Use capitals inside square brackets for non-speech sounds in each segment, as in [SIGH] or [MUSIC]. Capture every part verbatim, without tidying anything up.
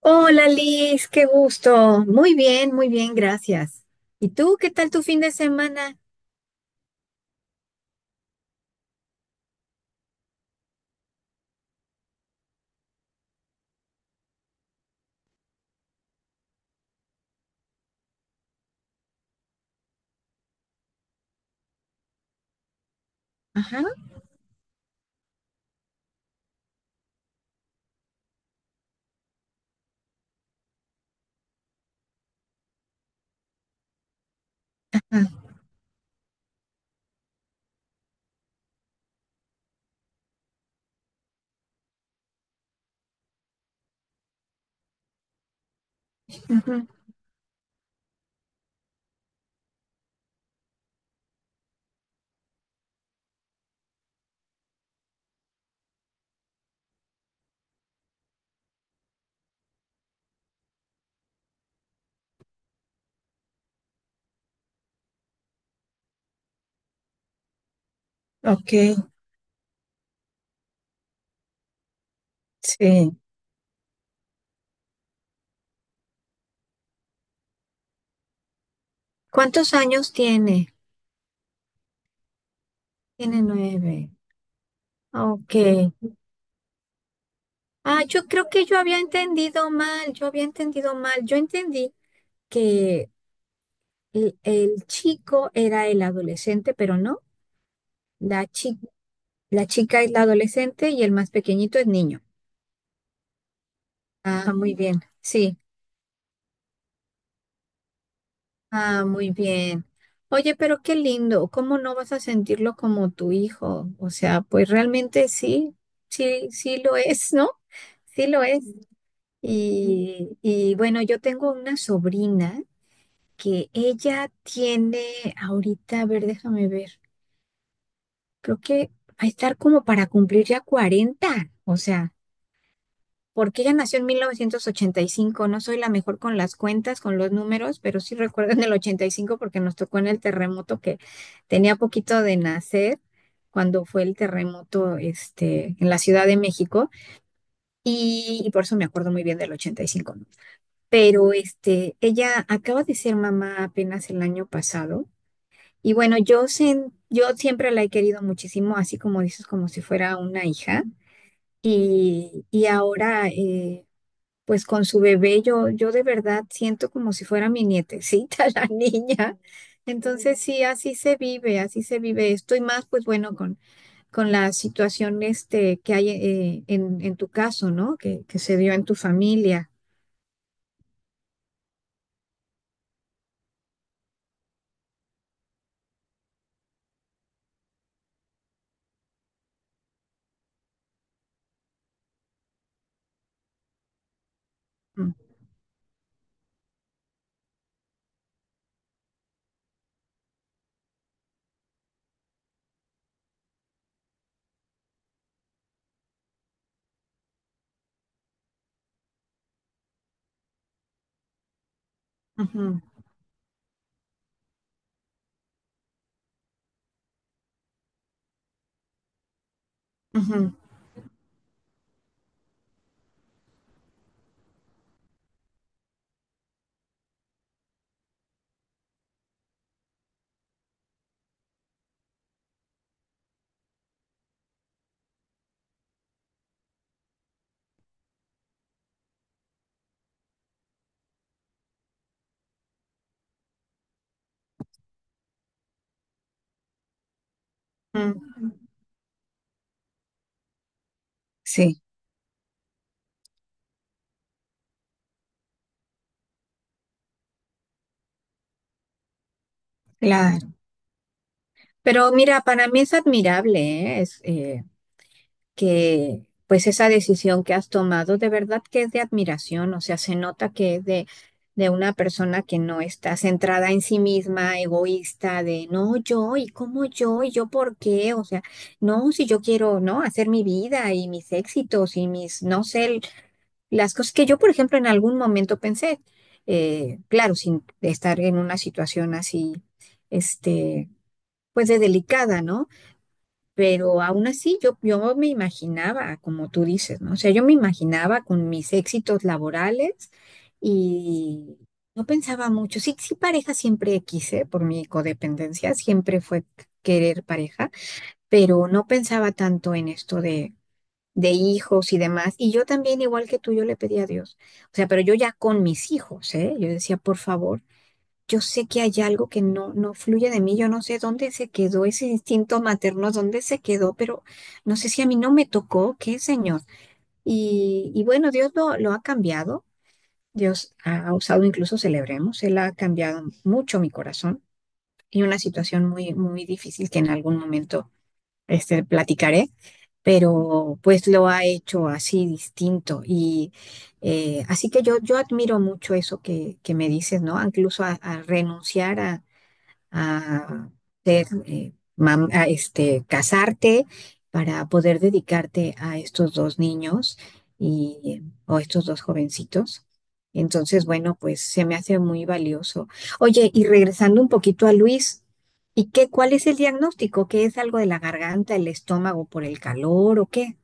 Hola Liz, qué gusto. Muy bien, muy bien, gracias. ¿Y tú qué tal tu fin de semana? Ajá. Ah. Ujú. Ok. Sí. ¿Cuántos años tiene? Tiene nueve. Ok. Ah, yo creo que yo había entendido mal, yo había entendido mal. Yo entendí que el, el chico era el adolescente, pero no. La chi, la chica es la adolescente y el más pequeñito es niño. Ah, muy bien. Sí. Ah, muy bien. Oye, pero qué lindo, ¿cómo no vas a sentirlo como tu hijo? O sea, pues realmente sí, sí, sí lo es, ¿no? Sí lo es. Y, y bueno, yo tengo una sobrina que ella tiene ahorita, a ver, déjame ver, creo que va a estar como para cumplir ya cuarenta. O sea. Porque ella nació en mil novecientos ochenta y cinco. No soy la mejor con las cuentas, con los números, pero sí recuerdo en el ochenta y cinco porque nos tocó en el terremoto que tenía poquito de nacer cuando fue el terremoto este, en la Ciudad de México y, y por eso me acuerdo muy bien del ochenta y cinco, ¿no? Pero este, ella acaba de ser mamá apenas el año pasado y bueno, yo, sen- yo siempre la he querido muchísimo, así como dices, como si fuera una hija. Y, y ahora, eh, pues con su bebé yo, yo de verdad siento como si fuera mi nietecita, [LAUGHS] la niña. Entonces sí, así se vive, así se vive esto y más, pues bueno, con, con la situación este, que hay eh, en, en tu caso, ¿no? Que, que se dio en tu familia. Mm. Ujú. Ujú. Mm. Sí, claro. Pero mira, para mí es admirable, ¿eh? Es, eh, que pues esa decisión que has tomado de verdad que es de admiración, o sea, se nota que es de, de una persona que no está centrada en sí misma, egoísta, de no, yo, y cómo yo, y yo por qué, o sea, no, si yo quiero, ¿no? Hacer mi vida y mis éxitos y mis, no sé, el- las cosas que yo, por ejemplo, en algún momento pensé, eh, claro, sin estar en una situación así, este, pues de delicada, ¿no? Pero aún así, yo, yo me imaginaba, como tú dices, ¿no? O sea, yo me imaginaba con mis éxitos laborales y no pensaba mucho. Sí, sí, pareja siempre quise por mi codependencia, siempre fue querer pareja, pero no pensaba tanto en esto de, de hijos y demás. Y yo también, igual que tú, yo le pedí a Dios. O sea, pero yo ya con mis hijos, ¿eh? Yo decía, por favor yo sé que hay algo que no, no fluye de mí, yo no sé dónde se quedó ese instinto materno, dónde se quedó, pero no sé si a mí no me tocó, qué señor. Y, y bueno, Dios lo, lo ha cambiado, Dios ha usado, incluso celebremos, Él ha cambiado mucho mi corazón y una situación muy, muy difícil que en algún momento este, platicaré. Pero pues lo ha hecho así distinto y eh, así que yo, yo admiro mucho eso que, que me dices, ¿no? Incluso a a renunciar a, a ser, eh, mam- a, este, casarte para poder dedicarte a estos dos niños y, o estos dos jovencitos. Entonces, bueno, pues se me hace muy valioso. Oye, y regresando un poquito a Luis, ¿y qué, cuál es el diagnóstico? ¿Qué es algo de la garganta, el estómago por el calor o qué?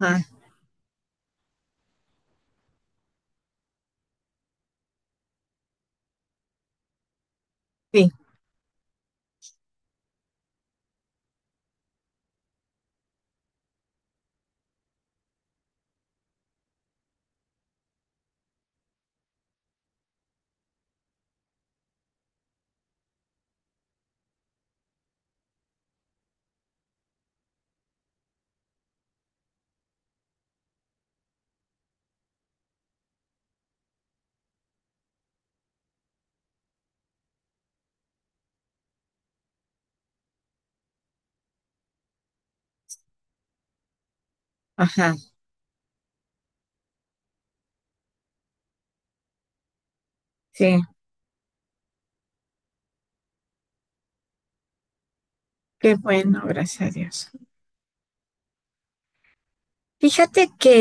Ah, sí, ajá, sí, qué bueno, gracias a Dios. Fíjate que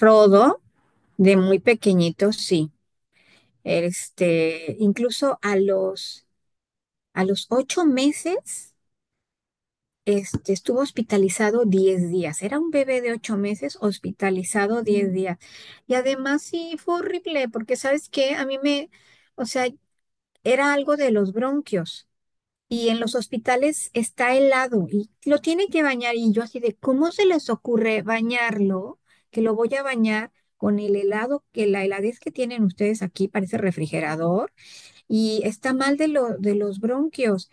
Rodo, de muy pequeñito, sí. Este, incluso a los, a los ocho meses, este, estuvo hospitalizado diez días. Era un bebé de ocho meses hospitalizado diez días. Y además sí fue horrible, porque ¿sabes qué? A mí me, o sea, era algo de los bronquios. Y en los hospitales está helado y lo tiene que bañar. Y yo así de, ¿cómo se les ocurre bañarlo? Que lo voy a bañar con el helado, que la heladez que tienen ustedes aquí parece refrigerador y está mal de, lo, de los bronquios.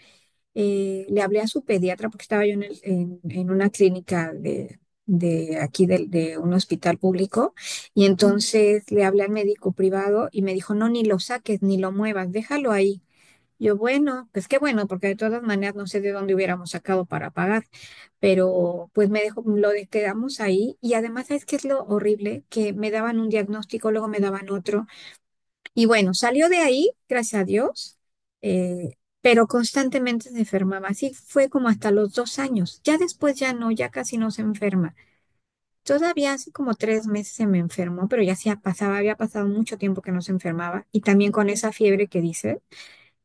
Eh, le hablé a su pediatra porque estaba yo en, el- en- en una clínica de, de aquí del- de, un hospital público y entonces le hablé al médico privado y me dijo, no, ni lo saques, ni lo muevas, déjalo ahí. Yo, bueno, pues qué bueno, porque de todas maneras no sé de dónde hubiéramos sacado para pagar, pero pues me dejó, lo de- quedamos ahí y además, ¿sabes qué es lo horrible? Que me daban un diagnóstico, luego me daban otro. Y bueno, salió de ahí, gracias a Dios, eh, pero constantemente se enfermaba. Así fue como hasta los dos años. Ya después ya no, ya casi no se enferma. Todavía hace como tres meses se me enfermó, pero ya se pasaba, había pasado mucho tiempo que no se enfermaba. Y también con esa fiebre que dice,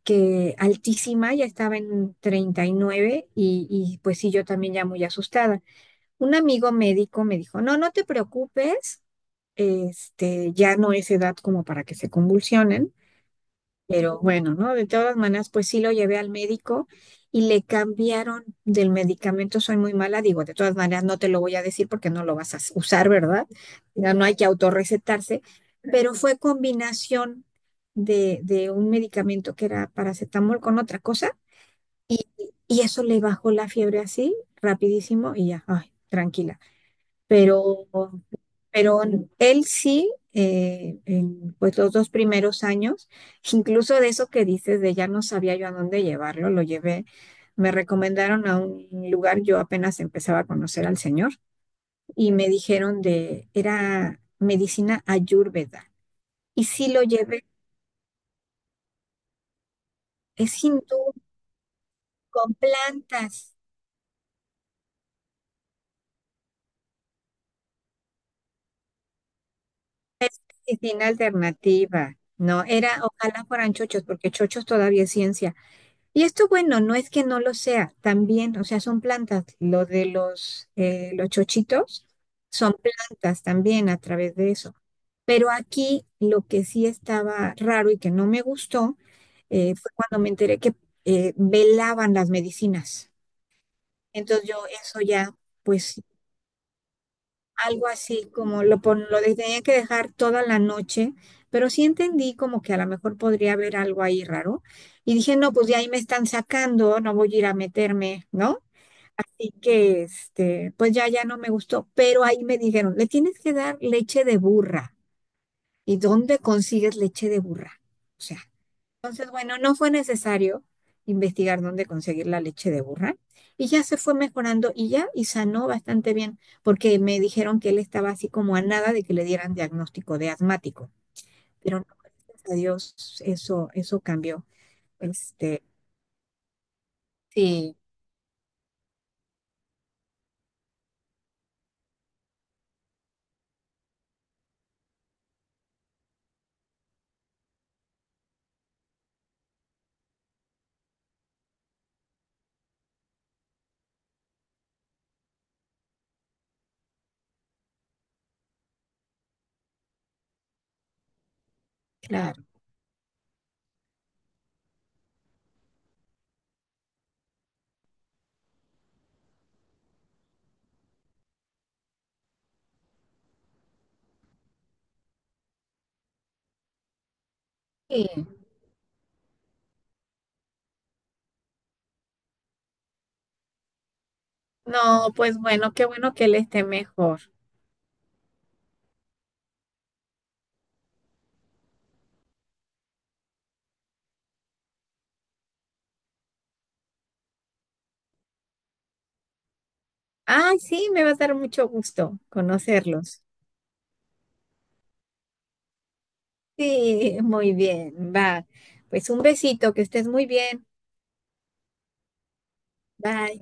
que altísima, ya estaba en treinta y nueve y, nueve y y pues sí, yo también ya muy asustada. Un amigo médico me dijo, no, no te preocupes, este, ya no es edad como para que se convulsionen. Pero bueno, ¿no? De todas maneras, pues sí lo llevé al médico y le cambiaron del medicamento. Soy muy mala, digo, de todas maneras no te lo voy a decir porque no lo vas a s- usar, ¿verdad? Ya no hay que autorrecetarse, pero fue combinación de, de un medicamento que era paracetamol con otra cosa y, y eso le bajó la fiebre así, rapidísimo y ya, ay, tranquila. Pero pero él sí, eh, en pues los dos primeros años, incluso de eso que dices, de ya no sabía yo a dónde llevarlo, lo llevé, me recomendaron a un lugar, yo apenas empezaba a conocer al señor y me dijeron de, era medicina ayurveda. Y sí lo llevé, es hindú, con plantas, y sin alternativa. No, era, ojalá fueran chochos, porque chochos todavía es ciencia. Y esto, bueno, no es que no lo sea, también, o sea, son plantas. Lo de los, eh, los chochitos son plantas también a través de eso. Pero aquí lo que sí estaba raro y que no me gustó eh, fue cuando me enteré que eh, velaban las medicinas. Entonces yo eso ya, pues algo así como lo, pon- lo de- tenía que dejar toda la noche, pero sí entendí como que a lo mejor podría haber algo ahí raro. Y dije, no, pues de ahí me están sacando, no voy a ir a meterme, ¿no? Y que este, pues ya, ya no me gustó, pero ahí me dijeron, le tienes que dar leche de burra. ¿Y dónde consigues leche de burra? O sea, entonces, bueno, no fue necesario investigar dónde conseguir la leche de burra y ya se fue mejorando y ya, y sanó bastante bien, porque me dijeron que él estaba así como a nada de que le dieran diagnóstico de asmático, pero no, gracias a Dios, eso, eso cambió. Este, sí, claro. Sí. No, pues bueno, qué bueno que él esté mejor. Ay, sí, me va a dar mucho gusto conocerlos. Sí, muy bien, va. Pues un besito, que estés muy bien. Bye.